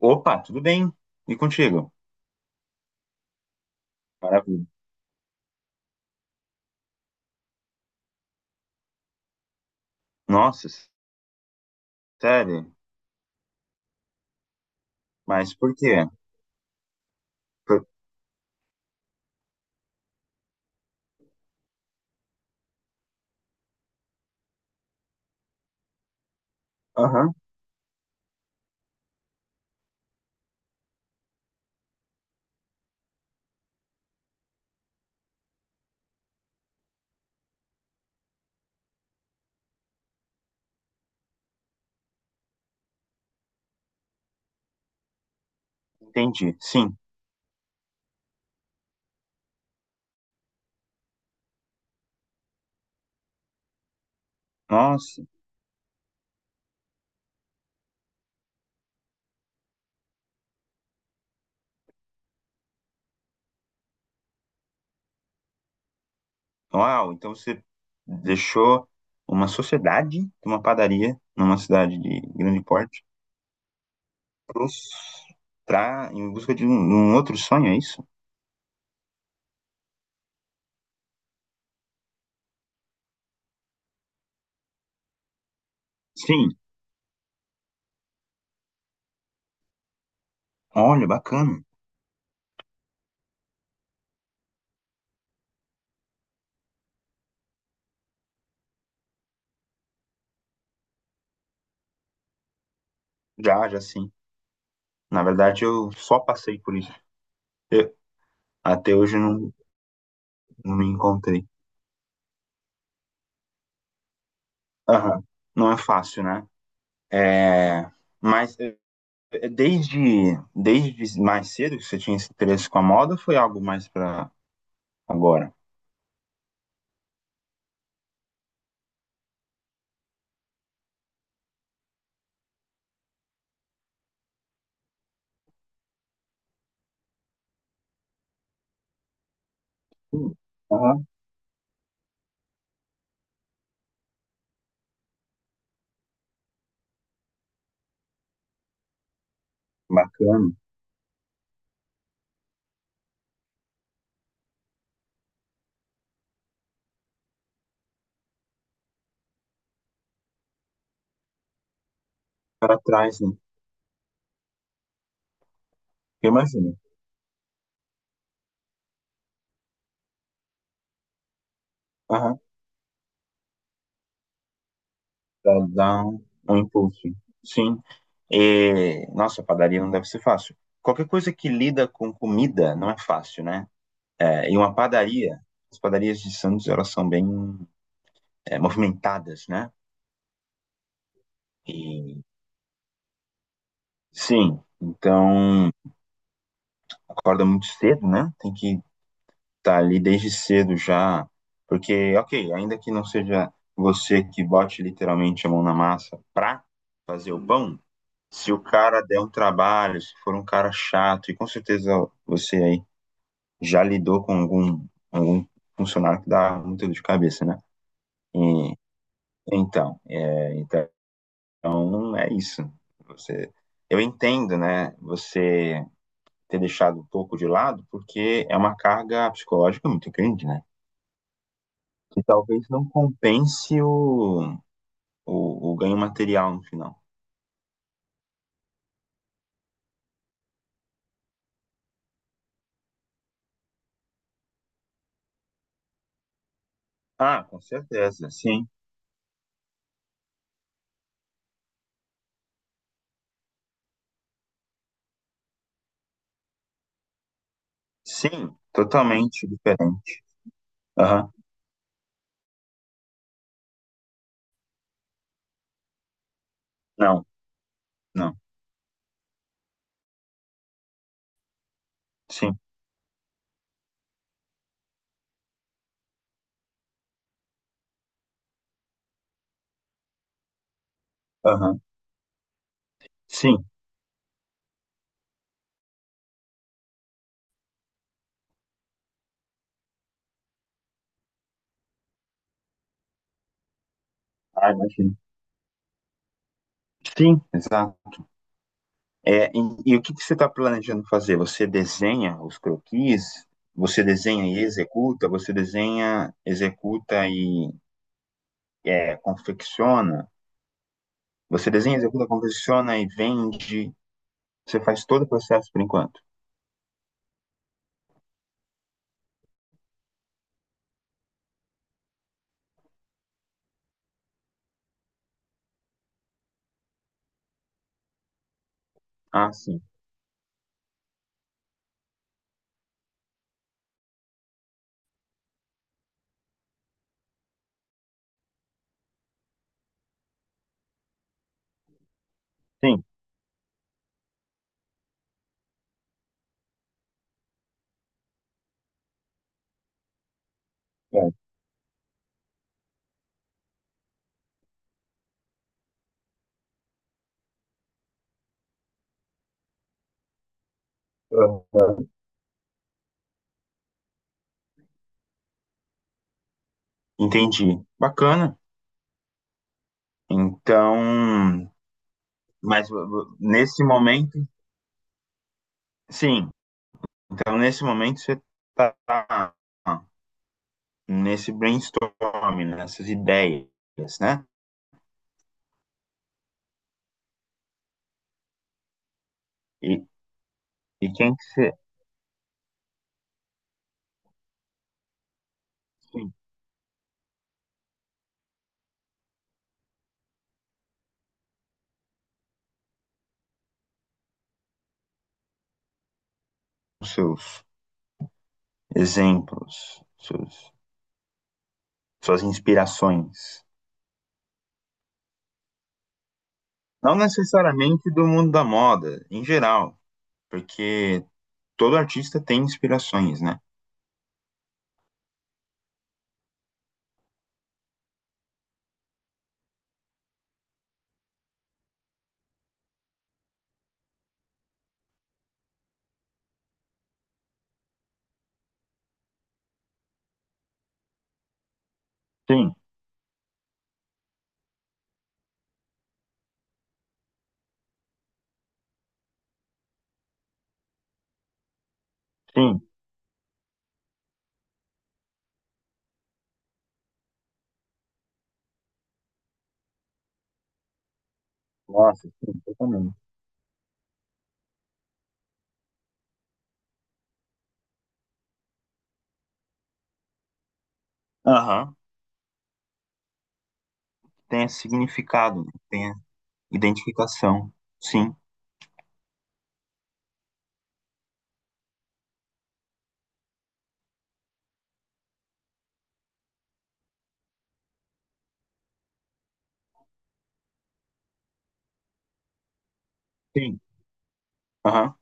Opa, tudo bem? E contigo? Maravilha. Nossa, sério? Mas por quê? Por- Aham. Entendi. Sim. Nossa. Uau, então você deixou uma sociedade de uma padaria numa cidade de grande porte pros- pra, em busca de um outro sonho, é isso? Sim. Olha, bacana. Já, já sim. Na verdade, eu só passei por isso. Eu- até hoje eu não me encontrei. Aham. Não é fácil, né? É, mas desde, desde mais cedo que você tinha esse interesse com a moda, ou foi algo mais para agora? Hum, aham, bacana. Para trás, né? Eu imagino. Aham, para dar um impulso. Sim. E, nossa, padaria não deve ser fácil. Qualquer coisa que lida com comida não é fácil, né? É, e uma padaria, as padarias de Santos, elas são bem movimentadas, né? E, sim, então acorda muito cedo, né? Tem que tá ali desde cedo já, porque, ok, ainda que não seja você que bote literalmente a mão na massa pra fazer o pão, se o cara der um trabalho, se for um cara chato, e com certeza você aí já lidou com algum funcionário que dá muita dor de cabeça, né? E, então, é, então é isso. Você, eu entendo, né? Você ter deixado um pouco de lado, porque é uma carga psicológica muito grande, né? E talvez não compense o ganho material no final. Ah, com certeza, sim. Sim, totalmente diferente. Aham. Não, não. Sim, aham. Sim. Ah, imagino. Sim, exato. É, e o que que você está planejando fazer? Você desenha os croquis? Você desenha e executa? Você desenha, executa e confecciona? Você desenha, executa, confecciona e vende? Você faz todo o processo por enquanto? Ah, sim. Sim. É. Aham. Entendi. Bacana. Então, mas nesse momento, sim. Então, nesse momento, você está nesse brainstorm, nessas ideias, né? E, e quem que você, sim, os seus exemplos, seus, suas inspirações. Não necessariamente do mundo da moda, em geral, porque todo artista tem inspirações, né? Sim, sim. Nossa, sim, totalmente. Aham. Tenha significado, né? Tenha identificação. Sim. Sim. Aham.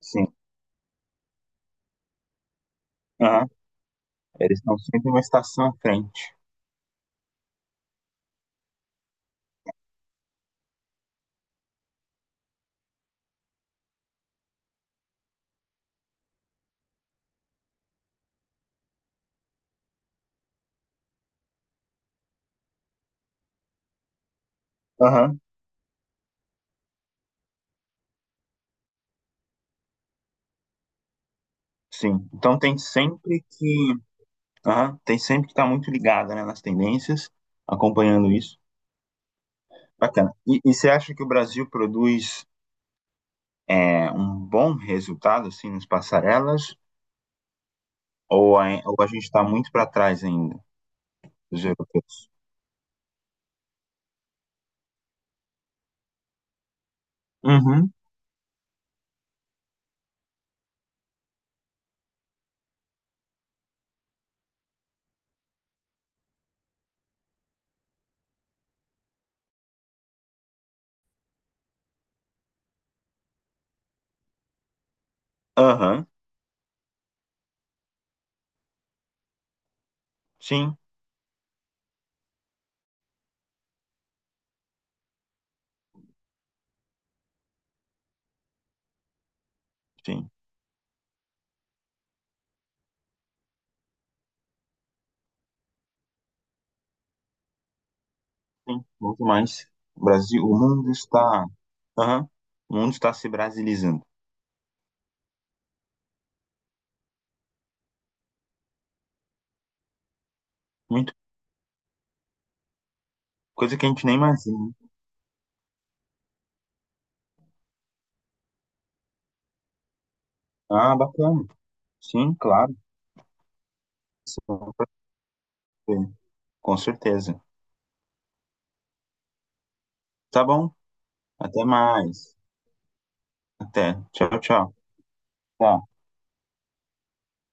Sim. Aham. Eles estão sempre uma estação à frente. Aham. Sim. Então tem sempre que. Aham. Tem sempre que estar muito ligada, né, nas tendências, acompanhando isso. Bacana. E você acha que o Brasil produz um bom resultado, assim, nas passarelas? Ou ou a gente está muito para trás ainda dos europeus? Uhum. Aham. Sim. Sim. Sim, muito mais. O Brasil, o mundo está, aham, o mundo está se brasilizando. Muito, coisa que a gente nem imagina. Ah, bacana. Sim, claro. Sim, com certeza. Com certeza. Tá bom. Até mais. Até. Tchau, tchau. Tá.